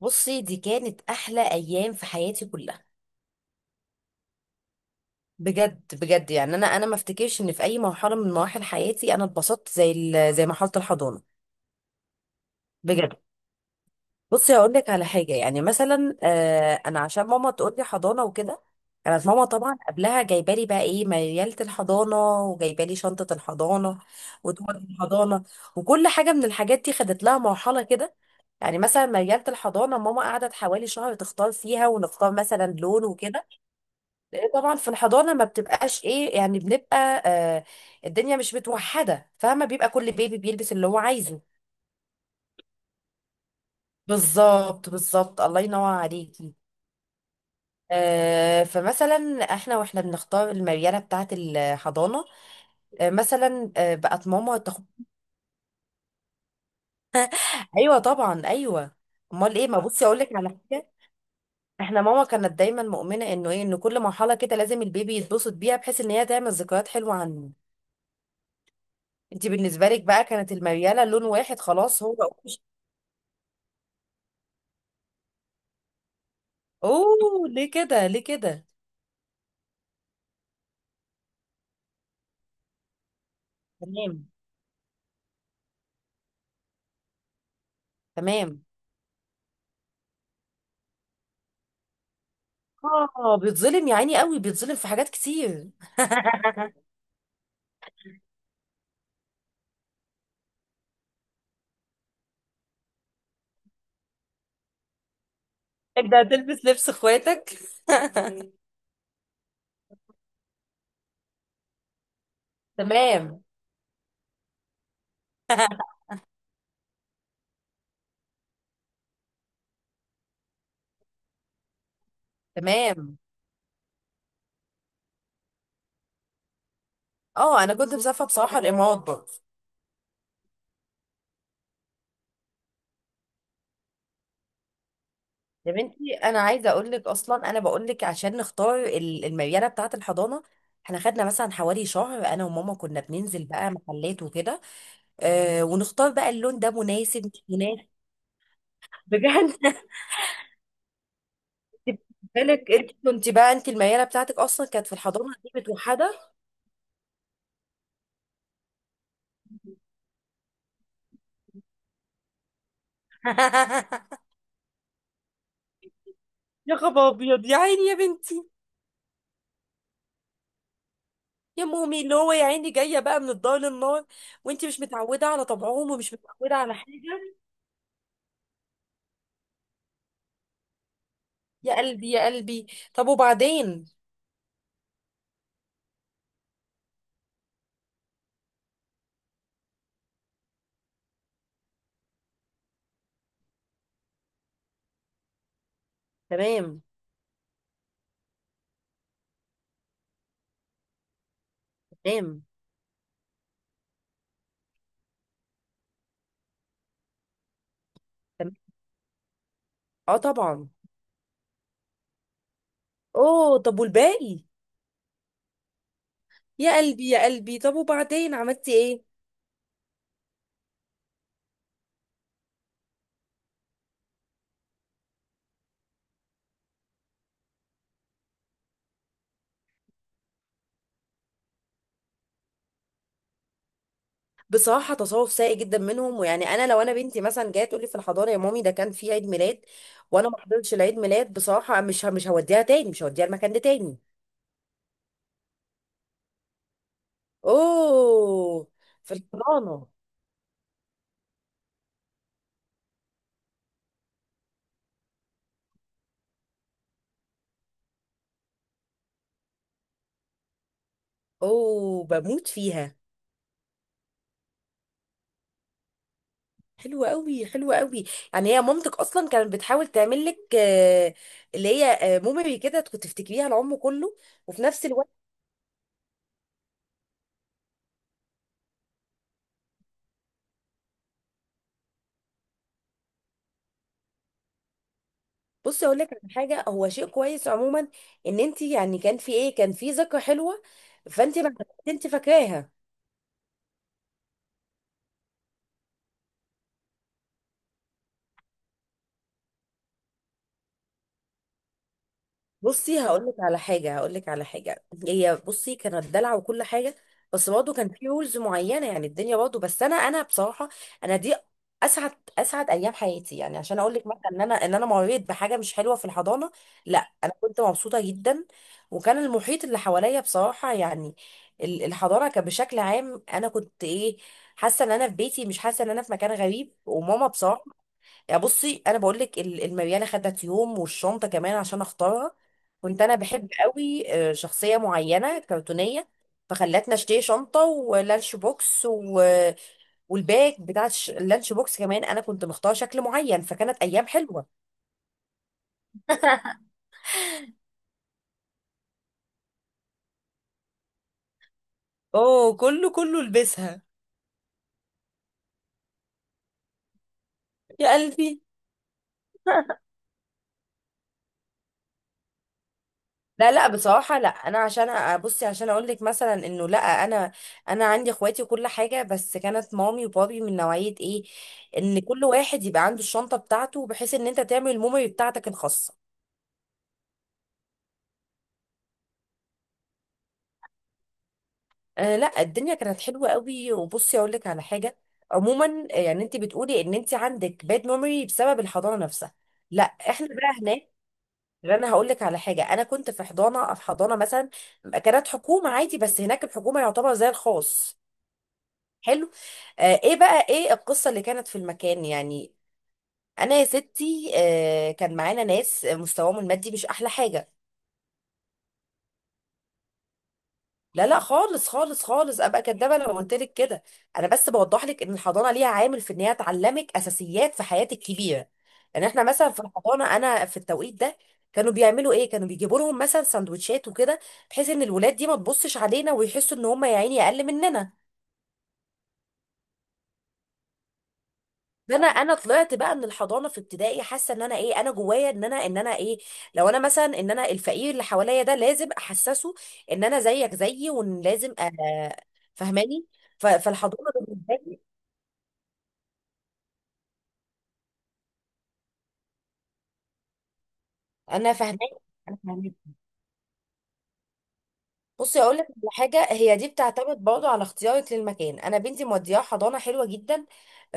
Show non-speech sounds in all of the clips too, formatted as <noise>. بصي، دي كانت احلى ايام في حياتي كلها. بجد بجد، يعني انا ما افتكرش ان في اي مرحله من مراحل حياتي انا اتبسطت زي مرحله الحضانه. بجد. بصي هقول لك على حاجه، يعني مثلا انا عشان ماما تقول لي حضانه وكده. كانت ماما طبعا قبلها جايبه لي بقى ايه مياله الحضانه، وجايبه لي شنطه الحضانه وتقعد الحضانه. وكل حاجه من الحاجات دي خدت لها مرحله كده. يعني مثلا مياله الحضانه ماما قعدت حوالي شهر تختار فيها، ونختار مثلا لون وكده. لان طبعا في الحضانه ما بتبقاش ايه، يعني بنبقى، آه، الدنيا مش متوحده، فاهمه، بيبقى كل بيبي بيلبس اللي هو عايزه. بالظبط بالظبط، الله ينور عليكي. آه، فمثلا احنا واحنا بنختار المريله بتاعه الحضانه، مثلا بقت ماما تاخد. ايوه طبعا ايوه. امال ايه؟ ما بصي اقول لك على حاجه. احنا ماما كانت دايما مؤمنه انه ايه، ان كل مرحله كده لازم البيبي يتبسط بيها، بحيث ان هي تعمل ذكريات حلوه عنه. انت بالنسبه لك بقى كانت المرياله لون واحد خلاص، هو. اوه ليه كده؟ ليه كده؟ تمام. تمام. اه، بيتظلم يا عيني قوي، بيتظلم في حاجات كتير. <laughs> انت هتلبس لبس اخواتك. تمام. تمام. اه، انا كنت مسافره بصراحه الامارات برضه. يا بنتي انا عايزه اقول لك اصلا، انا بقول لك عشان نختار المرياله بتاعه الحضانه احنا خدنا مثلا حوالي شهر، انا وماما كنا بننزل بقى محلات وكده. آه، ونختار بقى اللون ده مناسب مش مناسب. بجد. خدي بالك انت كنت بقى، انت المياله بتاعتك اصلا كانت في الحضانه دي متوحده. <laughs> يا خبر ابيض يا عيني يا بنتي. يا مومي اللي هو يا عيني جايه بقى من الدار للنار، وانت مش متعوده على طبعهم ومش متعوده على حاجه. يا قلبي يا قلبي. طب وبعدين؟ تمام. تمام. تمام. اه طبعا. اوه، طب والباقي؟ يا قلبي يا قلبي، طب وبعدين عملتي ايه؟ بصراحة تصرف سيء جدا منهم. ويعني أنا لو أنا بنتي مثلا جاية تقول لي في الحضانة يا مامي ده كان في عيد ميلاد وأنا ما حضرتش العيد ميلاد، بصراحة مش هوديها تاني، مش هوديها المكان ده تاني. أوه. في الحضانة. أوه، بموت فيها. حلوة قوي حلوة قوي. يعني هي مامتك أصلا كانت بتحاول تعمل لك، آه، اللي هي، آه، ميموري كده كنت تفتكريها العمر كله. وفي نفس الوقت بصي أقول لك على حاجة، هو شيء كويس عموما إن أنت يعني كان في إيه، كان في ذكرى حلوة، فأنت ما، انت فاكراها. بصي هقول لك على حاجه، هقول لك على حاجه، هي بصي كانت دلع وكل حاجه، بس برضه كان في رولز معينه، يعني الدنيا برضه. بس انا بصراحه انا دي اسعد، اسعد ايام حياتي. يعني عشان اقول لك مثلا ان انا، ان انا مريت بحاجه مش حلوه في الحضانه، لا انا كنت مبسوطه جدا. وكان المحيط اللي حواليا بصراحه يعني، الحضانه كان بشكل عام انا كنت ايه، حاسه ان انا في بيتي، مش حاسه ان انا في مكان غريب. وماما بصراحه، يعني بصي انا بقول لك المرياله خدت يوم، والشنطه كمان عشان اختارها. كنت انا بحب قوي، آه، شخصيه معينه كرتونيه، فخلتنا اشتري شنطه ولانش بوكس و... والباك بتاع اللانش بوكس كمان انا كنت مختاره شكل معين، فكانت ايام حلوه. <laughs> اوه، كله كله لبسها. يا قلبي. لا لا، بصراحة لا انا عشان ابصي عشان اقول لك مثلا انه لا انا، انا عندي اخواتي وكل حاجة، بس كانت مامي وبابي من نوعية ايه، ان كل واحد يبقى عنده الشنطة بتاعته، بحيث ان انت تعمل الميموري بتاعتك الخاصة. آه لا، الدنيا كانت حلوة قوي. وبصي اقول لك على حاجة، عموما آه، يعني انت بتقولي ان انت عندك باد ميموري بسبب الحضانة نفسها، لا احنا بقى هناك. انا هقول لك على حاجه، انا كنت في حضانه، في حضانه مثلا كانت حكومه عادي، بس هناك الحكومه يعتبر زي الخاص. حلو. آه، ايه بقى ايه القصة اللي كانت في المكان؟ يعني انا يا ستي آه كان معانا ناس مستواهم المادي مش احلى حاجة. لا لا، خالص خالص خالص، ابقى كدابة لو قلت لك كده. انا بس بوضح لك ان الحضانة ليها عامل في ان هي تعلمك اساسيات في حياتك كبيرة. يعني احنا مثلا في الحضانة، انا في التوقيت ده كانوا بيعملوا ايه، كانوا بيجيبوا لهم مثلا سندوتشات وكده، بحيث ان الولاد دي ما تبصش علينا ويحسوا ان هم يا عيني اقل مننا. ده انا، انا طلعت بقى من الحضانه في ابتدائي حاسه ان انا ايه، انا جوايا ان انا، ان انا ايه، لو انا مثلا ان انا الفقير اللي حواليا ده لازم احسسه ان انا زيك زيي، وان لازم فهماني. فالحضانه بالنسبه لي، انا فهماني، انا فهماني. بصي اقول لك على حاجه، هي دي بتعتمد برضه على اختيارك للمكان. انا بنتي مودياها حضانه حلوه جدا،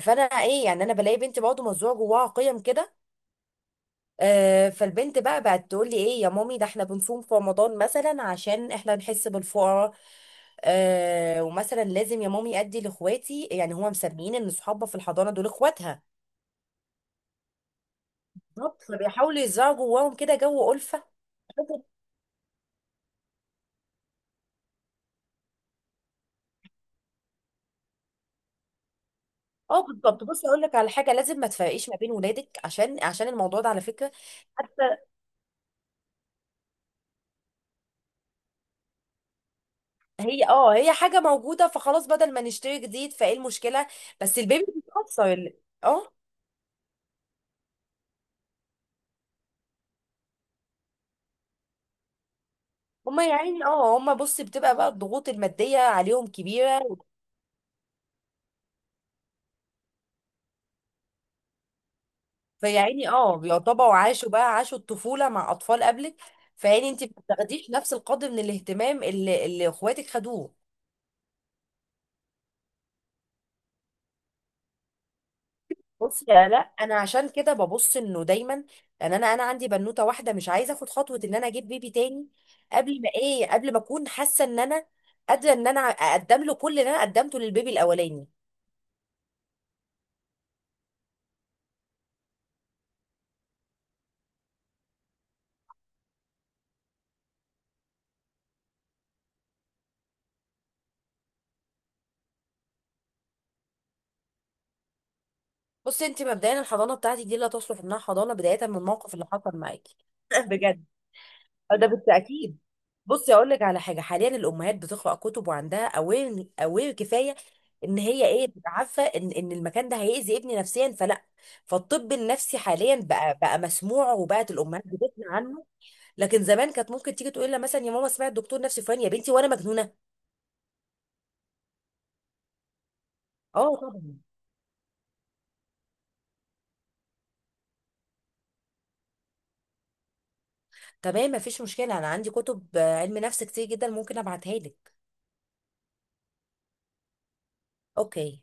فانا ايه، يعني انا بلاقي بنتي برضه مزروعه جواها قيم كده. آه، فالبنت بقى بقت تقول لي ايه، يا مامي ده احنا بنصوم في رمضان مثلا عشان احنا نحس بالفقراء. آه، ومثلا لازم يا مامي ادي لاخواتي، يعني هما مسميين ان صحابها في الحضانه دول اخواتها. بالظبط، فبيحاولوا يزرعوا جواهم كده جو الفه. اه بالظبط. بصي اقول لك على حاجه، لازم ما تفرقيش ما بين ولادك، عشان عشان الموضوع ده على فكره. حتى هي، اه هي حاجه موجوده، فخلاص بدل ما نشتري جديد فايه المشكله. بس البيبي بيتاثر اه. هما يعني اه هما بصي بتبقى بقى الضغوط الماديه عليهم كبيره. فيا عيني اه، بيعتبروا عاشوا بقى، عاشوا الطفولة مع أطفال قبلك، فيعني انت ما بتاخديش نفس القدر من الاهتمام اللي اخواتك خدوه. بصي يا، لا انا عشان كده ببص انه دايما، لان انا عندي بنوته واحده مش عايزه اخد خطوه ان انا اجيب بيبي تاني قبل ما ايه، قبل ما اكون حاسه ان انا قادره ان انا اقدم له كل اللي انا قدمته للبيبي الاولاني. بصي انت مبدئيا الحضانه بتاعتك دي لا تصلح انها حضانه، بدايه من الموقف اللي حصل معاكي. <laughs> بجد. اه ده بالتأكيد. بصي اقول لك على حاجه، حاليا الامهات بتقرا كتب، وعندها اوير اوير كفايه ان هي ايه، تبقى عارفه ان ان المكان ده هيأذي ابني نفسيا، فلا. فالطب النفسي حاليا بقى بقى مسموع، وبقت الامهات بتسمع عنه. لكن زمان كانت ممكن تيجي تقول لها مثلا يا ماما سمعت دكتور نفسي فلان، يا بنتي وانا مجنونه. اه طبعا. تمام مفيش مشكله، انا عندي كتب آه، علم نفس كتير جدا ممكن ابعتها لك. اوكي.